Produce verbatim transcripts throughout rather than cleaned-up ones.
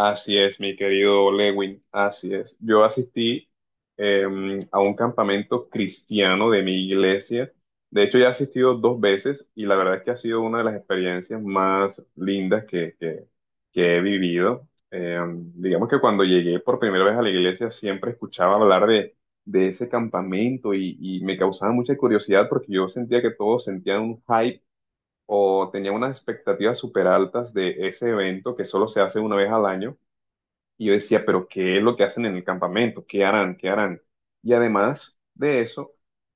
Así es, mi querido Lewin, así es. Yo asistí em, a un campamento cristiano de mi iglesia. De hecho, ya he asistido dos veces y la verdad es que ha sido una de las experiencias más lindas que, que- que he vivido. Em, digamos que cuando llegué por primera vez a la iglesia siempre escuchaba hablar de, de ese campamento y, y me causaba mucha curiosidad porque yo sentía que todos sentían un hype o tenían unas expectativas súper altas de ese evento que solo se hace una vez al año. Y yo decía, pero ¿qué es lo que hacen en el campamento? ¿Qué harán? ¿Qué harán? Y además de eso,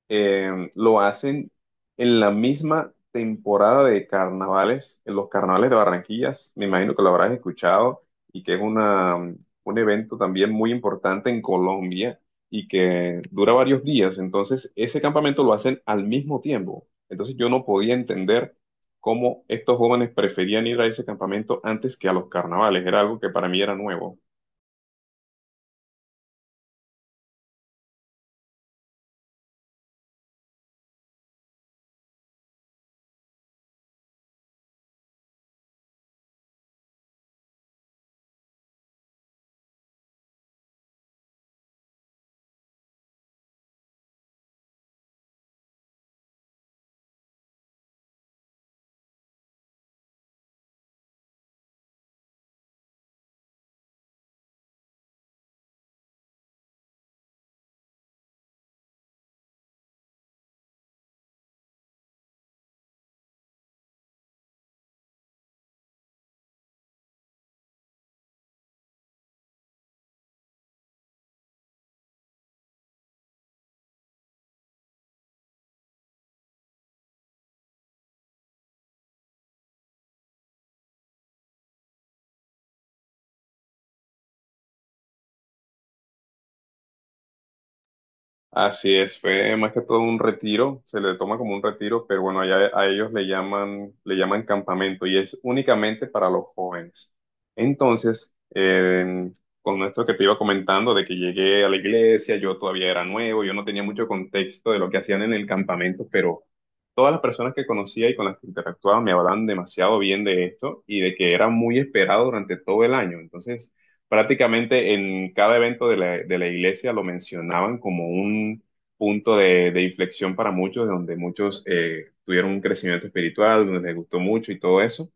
eh, lo hacen en la misma temporada de carnavales, en los carnavales de Barranquillas. Me imagino que lo habrás escuchado y que es una, un evento también muy importante en Colombia y que dura varios días. Entonces, ese campamento lo hacen al mismo tiempo. Entonces, yo no podía entender cómo estos jóvenes preferían ir a ese campamento antes que a los carnavales. Era algo que para mí era nuevo. Así es, fue más que todo un retiro, se le toma como un retiro, pero bueno, allá a ellos le llaman, le llaman campamento y es únicamente para los jóvenes. Entonces, eh, con esto que te iba comentando de que llegué a la iglesia, yo todavía era nuevo, yo no tenía mucho contexto de lo que hacían en el campamento, pero todas las personas que conocía y con las que interactuaba me hablaban demasiado bien de esto y de que era muy esperado durante todo el año. Entonces, prácticamente en cada evento de la, de la iglesia lo mencionaban como un punto de, de inflexión para muchos, donde muchos eh, tuvieron un crecimiento espiritual, donde les gustó mucho y todo eso.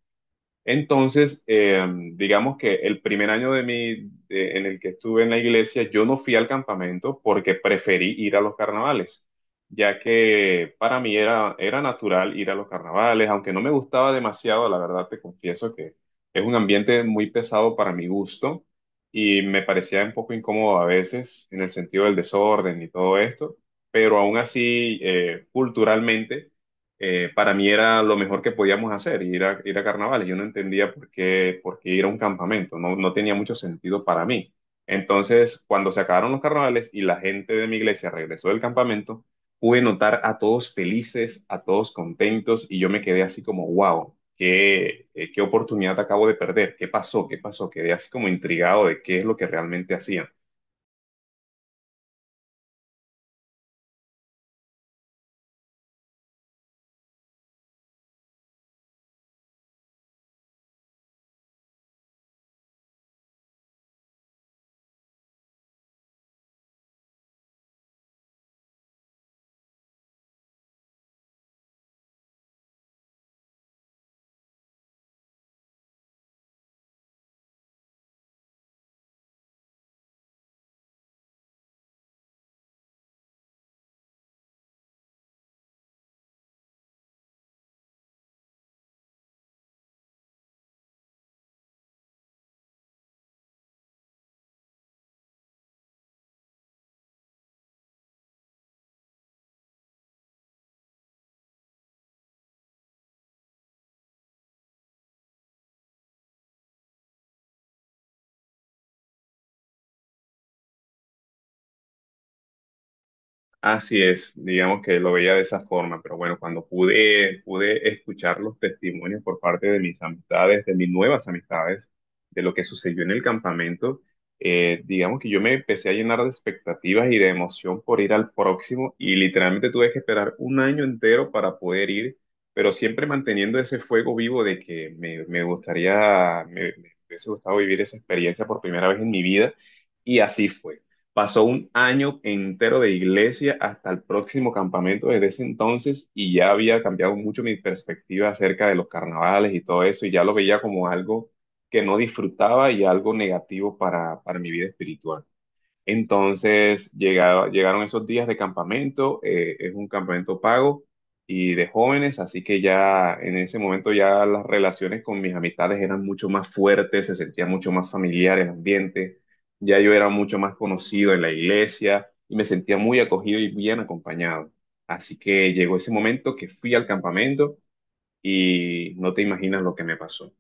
Entonces, eh, digamos que el primer año de mi, de- en el que estuve en la iglesia, yo no fui al campamento porque preferí ir a los carnavales, ya que para mí era, era natural ir a los carnavales, aunque no me gustaba demasiado, la verdad te confieso que es un ambiente muy pesado para mi gusto y me parecía un poco incómodo a veces en el sentido del desorden y todo esto, pero aún así, eh, culturalmente eh, para mí era lo mejor que podíamos hacer, ir a, ir a carnavales. Yo no entendía por qué, por qué ir a un campamento, no, no tenía mucho sentido para mí. Entonces, cuando se acabaron los carnavales y la gente de mi iglesia regresó del campamento, pude notar a todos felices, a todos contentos, y yo me quedé así como, wow, qué, eh, qué oportunidad acabo de perder, qué pasó, qué pasó, quedé así como intrigado de qué es lo que realmente hacían. Así es, digamos que lo veía de esa forma, pero bueno, cuando pude, pude escuchar los testimonios por parte de mis amistades, de mis nuevas amistades, de lo que sucedió en el campamento, eh, digamos que yo me empecé a llenar de expectativas y de emoción por ir al próximo y literalmente tuve que esperar un año entero para poder ir, pero siempre manteniendo ese fuego vivo de que me, me gustaría, me me hubiese gustado vivir esa experiencia por primera vez en mi vida y así fue. Pasó un año entero de iglesia hasta el próximo campamento desde ese entonces y ya había cambiado mucho mi perspectiva acerca de los carnavales y todo eso y ya lo veía como algo que no disfrutaba y algo negativo para, para mi vida espiritual. Entonces llegaba- llegaron esos días de campamento, eh, es un campamento pago y de jóvenes, así que ya en ese momento ya las relaciones con mis amistades eran mucho más fuertes, se sentía mucho más familiar el ambiente, ya yo era mucho más conocido en la iglesia y me sentía muy acogido y bien acompañado. Así que llegó ese momento que fui al campamento y no te imaginas lo que me pasó.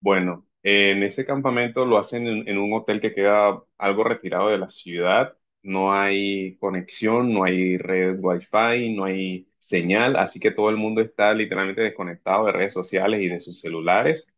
Bueno, en ese campamento lo hacen en, en un hotel que queda algo retirado de la ciudad. No hay conexión, no hay red wifi, no hay señal, así que todo el mundo está literalmente desconectado de redes sociales y de sus celulares.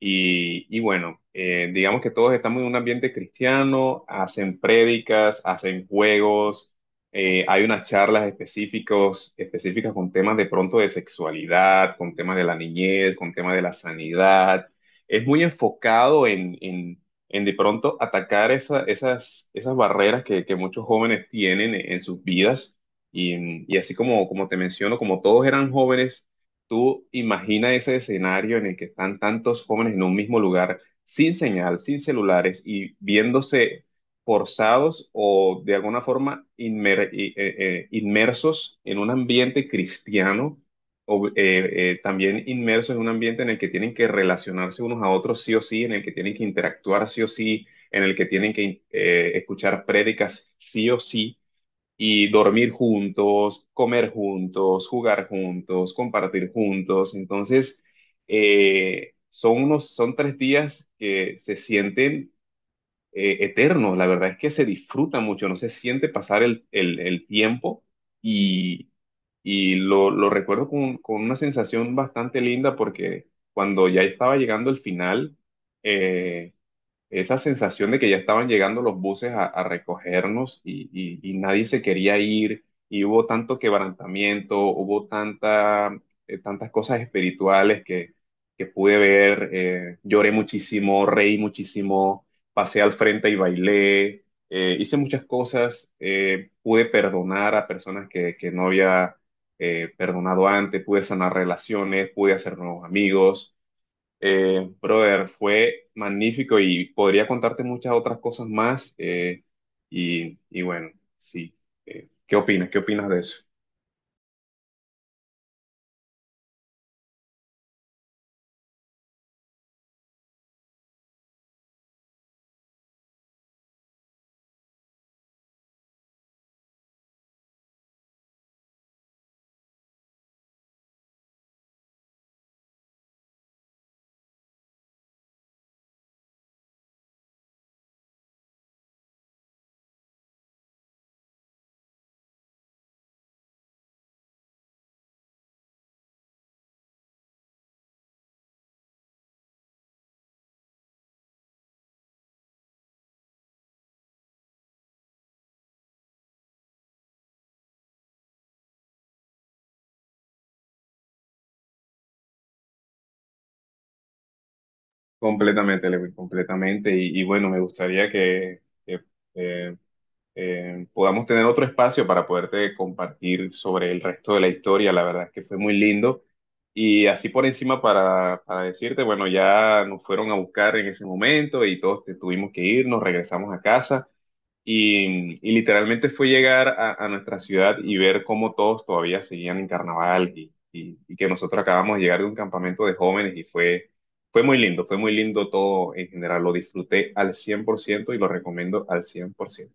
Y, y bueno, eh, digamos que todos estamos en un ambiente cristiano, hacen prédicas, hacen juegos, eh, hay unas charlas específicos, específicas con temas de pronto de sexualidad, con temas de la niñez, con temas de la sanidad. Es muy enfocado en, en, en de pronto atacar esa- esas, esas barreras que, que muchos jóvenes tienen en, en sus vidas. Y, y así como, como te menciono, como todos eran jóvenes. Tú imagina ese escenario en el que están tantos jóvenes en un mismo lugar, sin señal, sin celulares y viéndose forzados o de alguna forma inmer- i- eh, eh, inmersos en un ambiente cristiano o eh, eh, también inmersos en un ambiente en el que tienen que relacionarse unos a otros sí o sí, en el que tienen que interactuar sí o sí, en el que tienen que eh, escuchar prédicas sí o sí y dormir juntos, comer juntos, jugar juntos, compartir juntos. Entonces, eh, son unos, son tres días que se sienten eh, eternos. La verdad es que se disfruta mucho, no se siente pasar el, el- el tiempo y, y lo, lo recuerdo con, con una sensación bastante linda porque cuando ya estaba llegando el final, eh, esa sensación de que ya estaban llegando los buses a, a recogernos y, y- y nadie se quería ir, y hubo tanto quebrantamiento, hubo tanta, eh, tantas cosas espirituales que, que pude ver, eh, lloré muchísimo, reí muchísimo, pasé al frente y bailé, eh, hice muchas cosas, eh, pude perdonar a personas que, que no había eh, perdonado antes, pude sanar relaciones, pude hacer nuevos amigos. Eh, brother, fue magnífico y podría contarte muchas otras cosas más. Eh, y, y bueno, sí. Eh, ¿qué opinas? ¿Qué opinas de eso? Completamente, Lewin, completamente. Y, y bueno, me gustaría que, que, eh, eh, podamos tener otro espacio para poderte compartir sobre el resto de la historia. La verdad es que fue muy lindo. Y así por encima para, para decirte, bueno, ya nos fueron a buscar en ese momento y todos te- tuvimos que ir, nos regresamos a casa. Y, y literalmente fue llegar a, a nuestra ciudad y ver cómo todos todavía seguían en carnaval y, y- y que nosotros acabamos de llegar de un campamento de jóvenes y fue, fue muy lindo, fue muy lindo todo en general. Lo disfruté al cien por ciento y lo recomiendo al cien por ciento